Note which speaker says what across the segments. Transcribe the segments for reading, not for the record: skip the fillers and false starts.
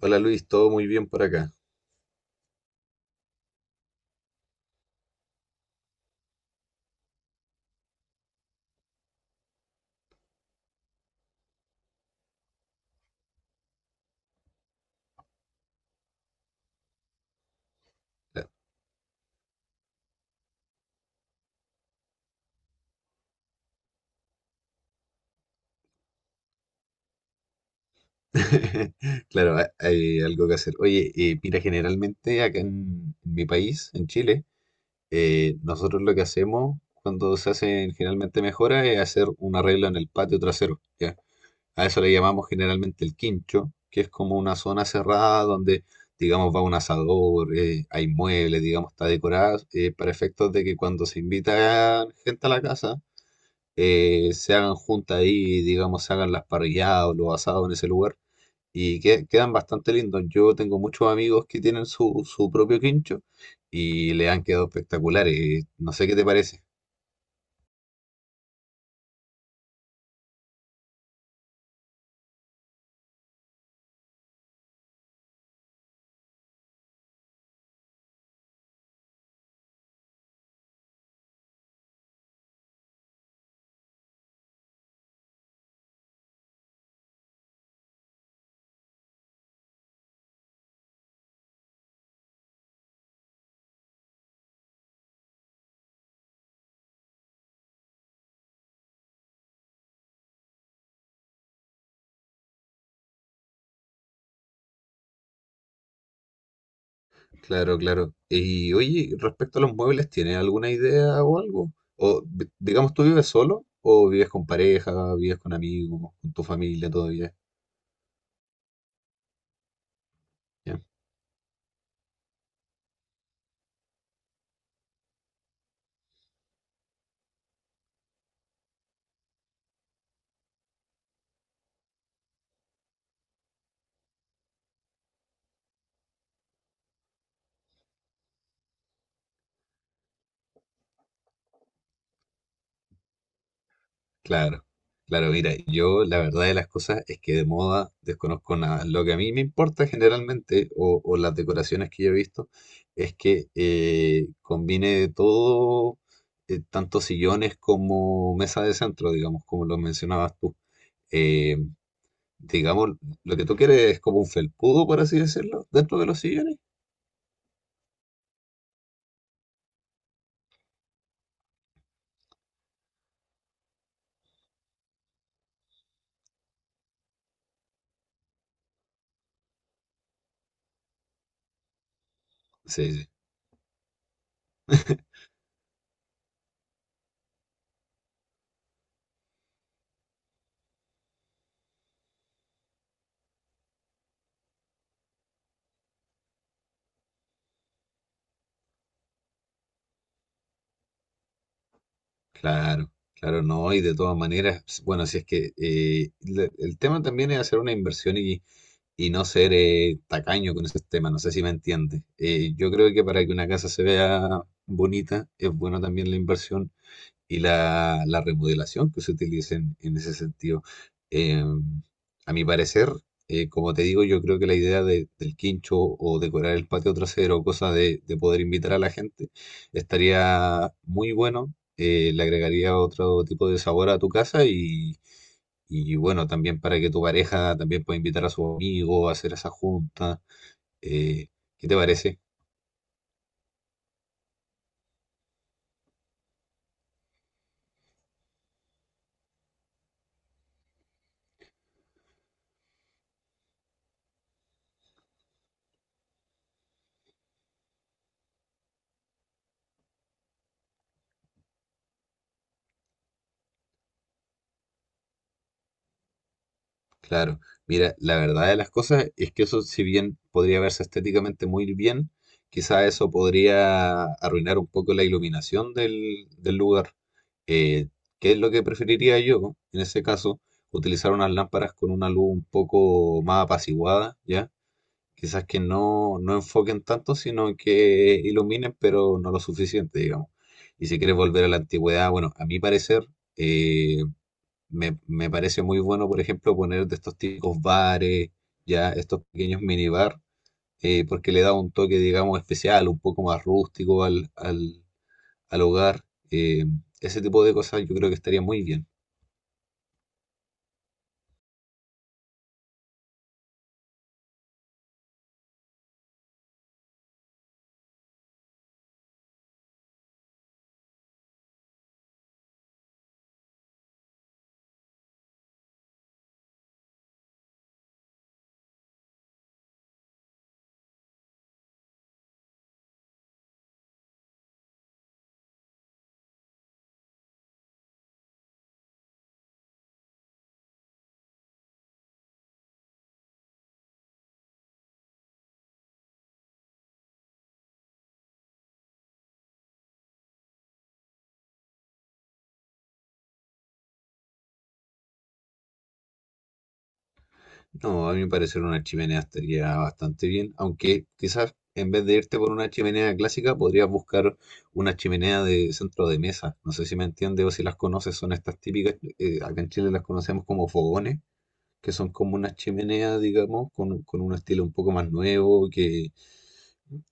Speaker 1: Hola Luis, todo muy bien por acá. Claro. Claro, hay algo que hacer. Oye, mira, generalmente acá en mi país, en Chile, nosotros lo que hacemos cuando se hacen generalmente mejoras es hacer un arreglo en el patio trasero, ¿ya? A eso le llamamos generalmente el quincho, que es como una zona cerrada donde, digamos, va un asador, hay muebles, digamos, está decorada, para efectos de que cuando se invita gente a la casa, se hagan juntas ahí, digamos, se hagan las parrilladas o los asados en ese lugar. Quedan bastante lindos. Yo tengo muchos amigos que tienen su propio quincho y le han quedado espectaculares. No sé qué te parece. Claro, claro. Y oye, respecto a los muebles, ¿tienes alguna idea o algo? Digamos, ¿tú vives solo o vives con pareja, vives con amigos, con tu familia todavía? Claro, claro, mira, yo la verdad de las cosas es que de moda desconozco nada. Lo que a mí me importa generalmente, o las decoraciones que yo he visto, es que combine todo, tanto sillones como mesa de centro, digamos, como lo mencionabas tú. Eh, digamos, lo que tú quieres es como un felpudo, por así decirlo, dentro de los sillones. Sí, sí, claro, claro, no, y de todas maneras, bueno, si es que el tema también es hacer una inversión y no ser tacaño con esos temas. No sé si me entiendes. Yo creo que para que una casa se vea bonita es bueno también la inversión y la remodelación que se utilice en ese sentido. Eh, a mi parecer, como te digo, yo creo que la idea del quincho o decorar el patio trasero, cosa de poder invitar a la gente, estaría muy bueno. Le agregaría otro tipo de sabor a tu casa y bueno, también para que tu pareja también pueda invitar a su amigo a hacer esa junta. Eh, ¿Qué te parece? Claro. Mira, la verdad de las cosas es que eso, si bien podría verse estéticamente muy bien, quizá eso podría arruinar un poco la iluminación del, del lugar. Eh, ¿Qué es lo que preferiría yo en ese caso? Utilizar unas lámparas con una luz un poco más apaciguada, ¿ya? Quizás que no, no enfoquen tanto, sino que iluminen, pero no lo suficiente, digamos. Y si quieres volver a la antigüedad, bueno, a mi parecer, eh, me parece muy bueno, por ejemplo, poner de estos típicos bares, ya estos pequeños minibar, porque le da un toque, digamos, especial, un poco más rústico al hogar. Eh, ese tipo de cosas yo creo que estaría muy bien. No, a mí me parece una chimenea estaría bastante bien, aunque quizás en vez de irte por una chimenea clásica, podrías buscar una chimenea de centro de mesa. No sé si me entiendes o si las conoces, son estas típicas, acá en Chile las conocemos como fogones, que son como una chimenea, digamos, con un estilo un poco más nuevo,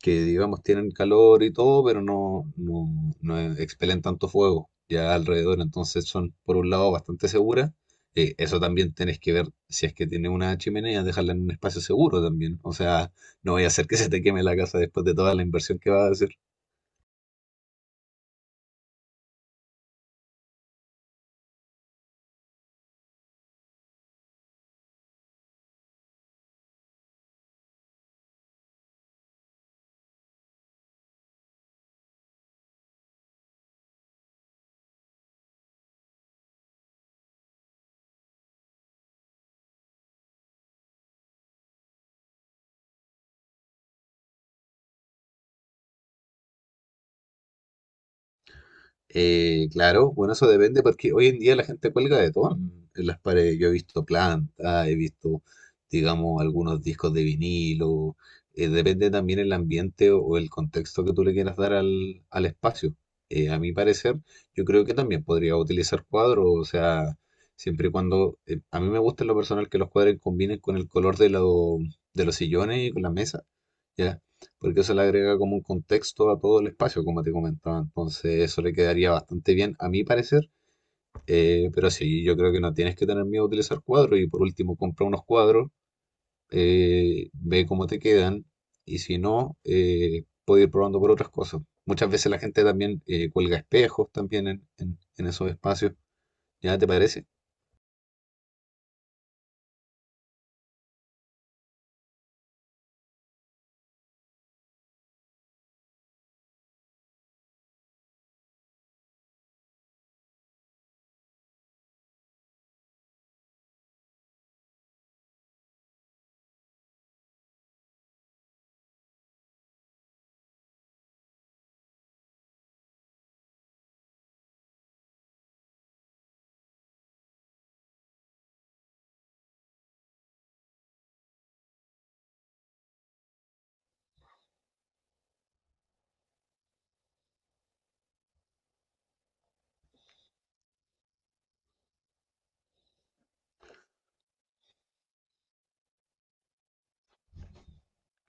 Speaker 1: que digamos tienen calor y todo, pero no, no expelen tanto fuego ya alrededor, entonces son por un lado bastante seguras. Eso también tenés que ver si es que tiene una chimenea, dejarla en un espacio seguro también. O sea, no voy a hacer que se te queme la casa después de toda la inversión que vas a hacer. Claro, bueno, eso depende porque hoy en día la gente cuelga de todo en las paredes. Yo he visto plantas, he visto, digamos, algunos discos de vinilo. Depende también el ambiente o el contexto que tú le quieras dar al espacio. A mi parecer, yo creo que también podría utilizar cuadros, o sea, siempre y cuando, a mí me gusta en lo personal que los cuadros combinen con el color de, de los sillones y con la mesa. ¿Ya? Porque eso le agrega como un contexto a todo el espacio, como te comentaba. Entonces, eso le quedaría bastante bien, a mi parecer. Pero sí, yo creo que no tienes que tener miedo a utilizar cuadros. Y por último, compra unos cuadros, ve cómo te quedan. Y si no, puedes ir probando por otras cosas. Muchas veces la gente también cuelga espejos también en, en esos espacios. ¿Ya te parece?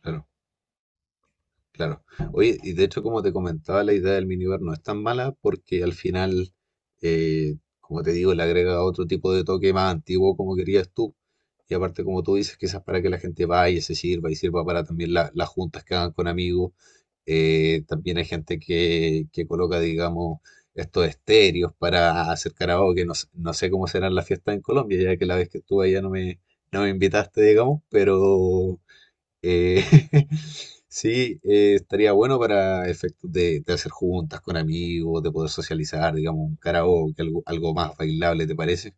Speaker 1: Claro. Claro. Oye, y de hecho, como te comentaba, la idea del minibar no es tan mala porque al final, como te digo, le agrega otro tipo de toque más antiguo como querías tú. Y aparte, como tú dices, quizás para que la gente vaya, se sirva y sirva para también las juntas que hagan con amigos. También hay gente que coloca, digamos, estos estéreos para hacer karaoke. No sé cómo serán las fiestas en Colombia, ya que la vez que estuve allá no me, no me invitaste, digamos, pero... Eh, sí, estaría bueno para efectos de hacer juntas con amigos, de poder socializar, digamos, un karaoke, algo, algo más bailable, ¿te parece?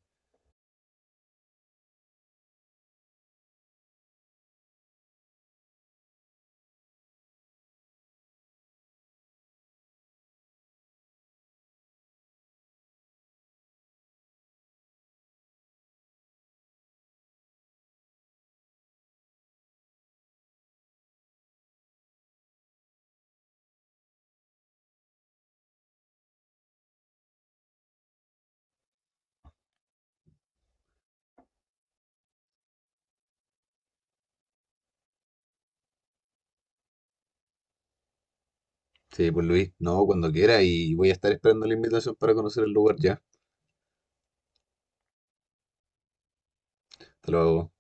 Speaker 1: Sí, pues Luis, no, cuando quiera y voy a estar esperando la invitación para conocer el lugar ya. Hasta luego.